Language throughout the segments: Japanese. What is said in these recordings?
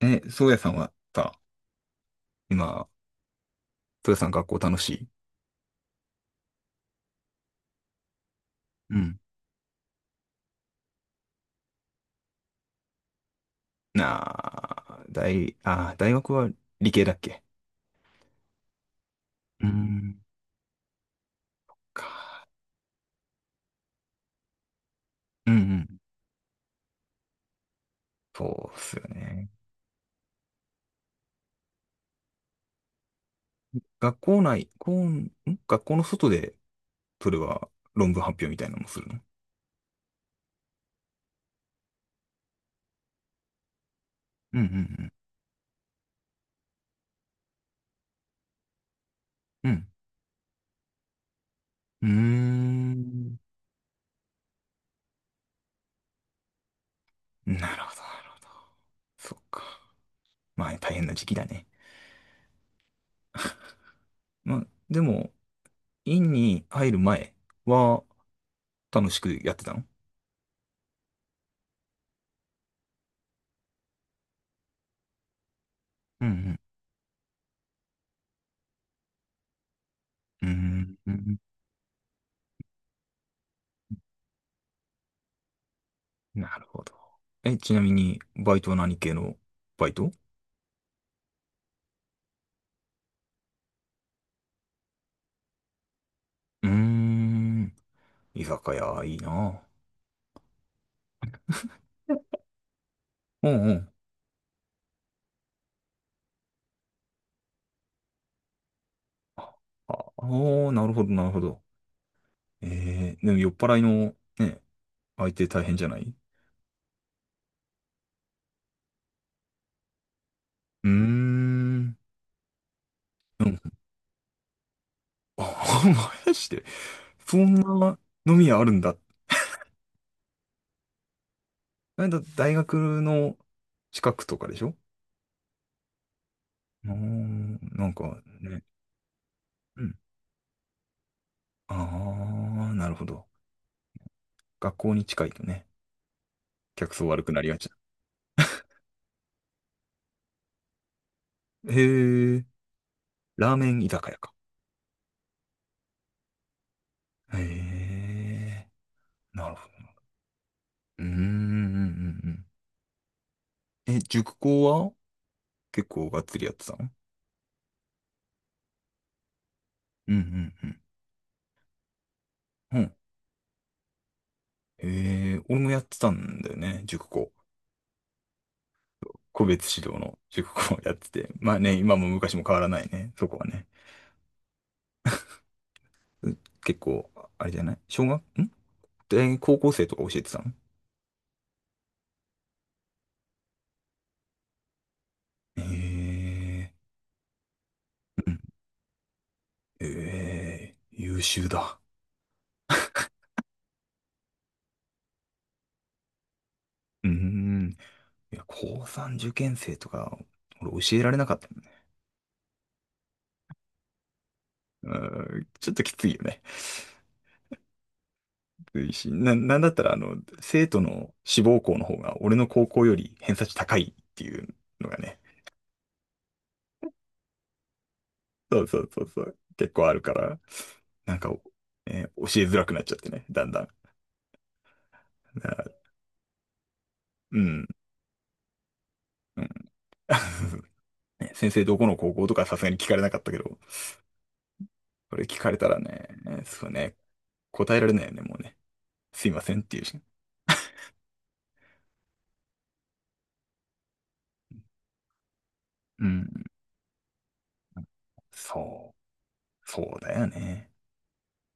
え、宗谷さんはさ、今、宗谷さん学校楽しい？うん。なあ、大、あ、大学は理系だっけ？うん。か。うんうん、そうっすよね。学校内、こうん。学校の外で、それは論文発表みたいなのもするの？うんうんうん。うん。うーん、なるほど、なるほど。そっか。まあ、大変な時期だね。まあ、でも、院に入る前は楽しくやってたの？ううんうんうんうん。うん。なるほど。え、ちなみに、バイトは何系のバイト？うーん、居酒屋、いいな。うんうん。ああー、なるほど、なるほど。でも酔っ払いの、ね、相手大変じゃない？うーん。うん。あ、まやして、そんな飲み屋あるんだ。なんだ、大学の近くとかでしょ？うーん、なんかね。うん。ああ、なるほど。学校に近いとね、客層悪くなりがちだ。へえ。ラーメン居酒屋か。へえ、なるほど。うーん、うん、うんうん。え、塾講は結構がっつりやってたの？うん、うん、うん。うん。へえ、俺もやってたんだよね、塾講。個別指導の塾講をやってて。まあね、今も昔も変わらないね、そこはね。う結構、あれじゃない？小学んで、高校生とか教えてたの？へえ、うん。ええ、優秀だ。うーん。いや、高3受験生とか、俺教えられなかった。うん、ちょっときついよね。きついし、なんだったら、生徒の志望校の方が、俺の高校より偏差値高いっていうのがね、そうそうそうそう、結構あるから、なんか、教えづらくなっちゃってね、だんだん。だから、うん、うん。ね、先生どこの高校とかさすがに聞かれなかったけど、これ聞かれたらね、そうね、答えられないよね、もうね。すいませんっていうし。うん、そう、そうだよね。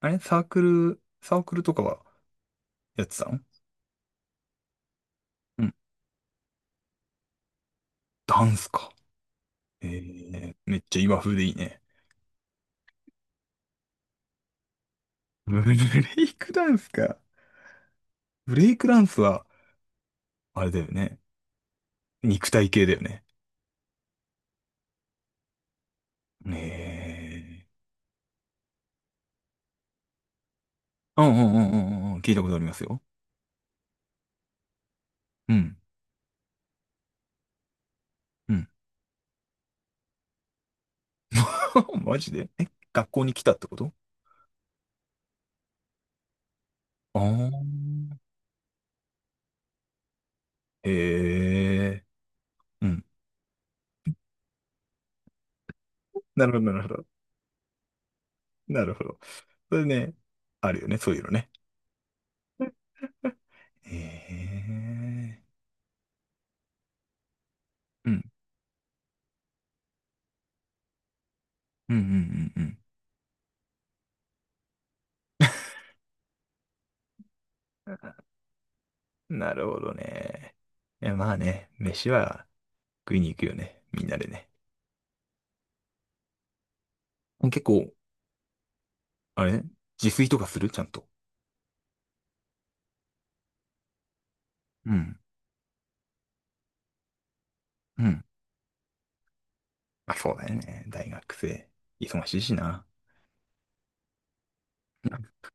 あれ、サークルとかはやってたの？うん。ダンスか。めっちゃ今風でいいね。ブレイクダンスか。ブレイクダンスは、あれだよね。肉体系だよね。えー。うんうんうんうんうん、聞いたことありますよ。うん。うん。マジで、え、学校に来たってこと？ああー。ええー。うん。なるほど、なるほど。なるほど。それね、あるよね、そういうのね。ええー。うん。うんうんうんうん。なるほどね。いや、まあね、飯は、食いに行くよね。みんなでね。結構、あれ、自炊とかするちゃんと？うん。うん。あ、そうだよね。大学生。忙しいしな。うん。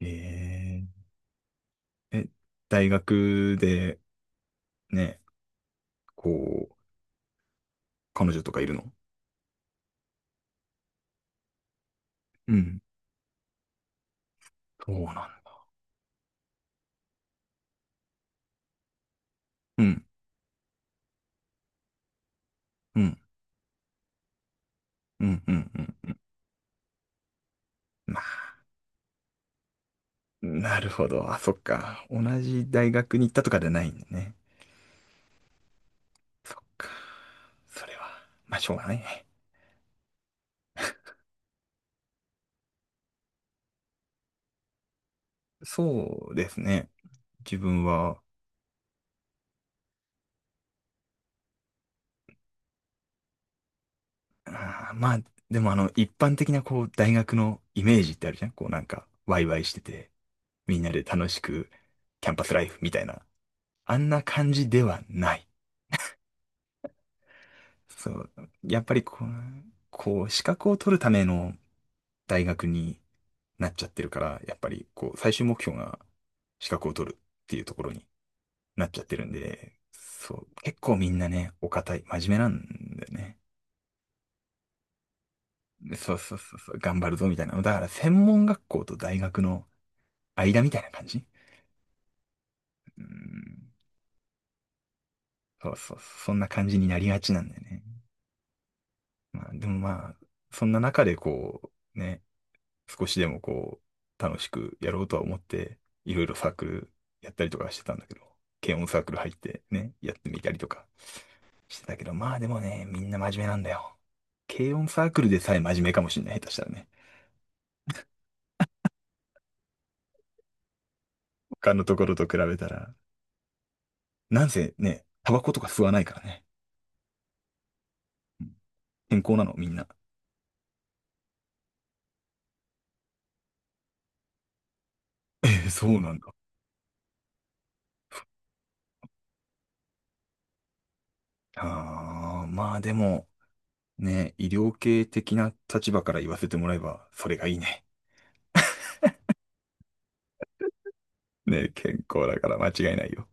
ええ、大学で、ね、こう、彼女とかいるの？うん。そうなんだ。うん。うん。うん。うん。うん。まあ、なるほど。あ、そっか。同じ大学に行ったとかじゃないんだね。そっか。それは、まあ、しょうがないね。そうですね。自分は、あー、まあ、でも一般的なこう、大学のイメージってあるじゃん、こうなんか、ワイワイしてて、みんなで楽しく、キャンパスライフみたいな。あんな感じではない。そう。やっぱりこう、資格を取るための大学になっちゃってるから、やっぱりこう、最終目標が資格を取るっていうところになっちゃってるんで、そう。結構みんなね、お堅い、真面目なんだよね。そうそうそうそう、頑張るぞみたいな。だから、専門学校と大学の間みたいな感じ？うん。そうそう、そんな感じになりがちなんだよね。まあ、でもまあ、そんな中でこう、ね、少しでもこう、楽しくやろうとは思って、いろいろサークルやったりとかしてたんだけど、軽音サークル入ってね、やってみたりとかしてたけど、まあでもね、みんな真面目なんだよ。軽音サークルでさえ真面目かもしれない、下手したらね。他のところと比べたら。なんせね、タバコとか吸わないからね。うん。健康なの、みんな。ええ、そうなんだ。ああ、まあでも、ね、医療系的な立場から言わせてもらえば、それがいいね。ね、健康だから間違いないよ。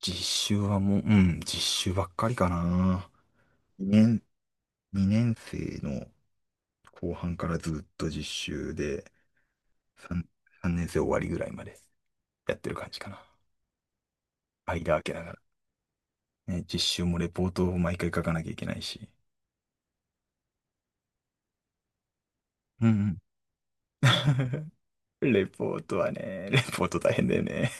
実習はもう、うん、実習ばっかりかな。2年、2年生の後半からずっと実習で、3、3年生終わりぐらいまでやってる感じかな。間空けながら。ね、実習もレポートを毎回書かなきゃいけないし。うんうん。レポートはね、レポート大変だよね。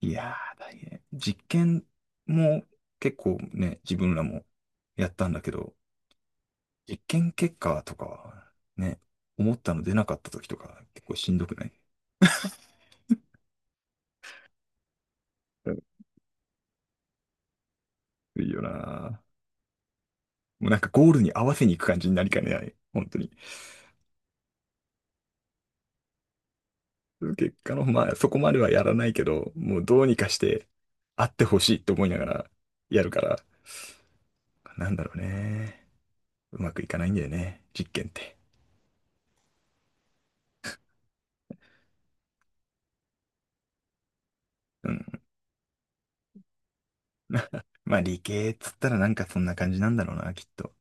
いやー、大変。実験も結構ね、自分らもやったんだけど、実験結果とかはね、思ったの出なかった時とか結構しんどくない？うん。いいよなー。もうなんかゴールに合わせに行く感じになりかねない。本当に。結果の、まあそこまではやらないけど、もうどうにかしてあってほしいと思いながらやるから、なんだろうね。うまくいかないんだよね。実験って。うん。まあ理系っつったらなんかそんな感じなんだろうな、きっと。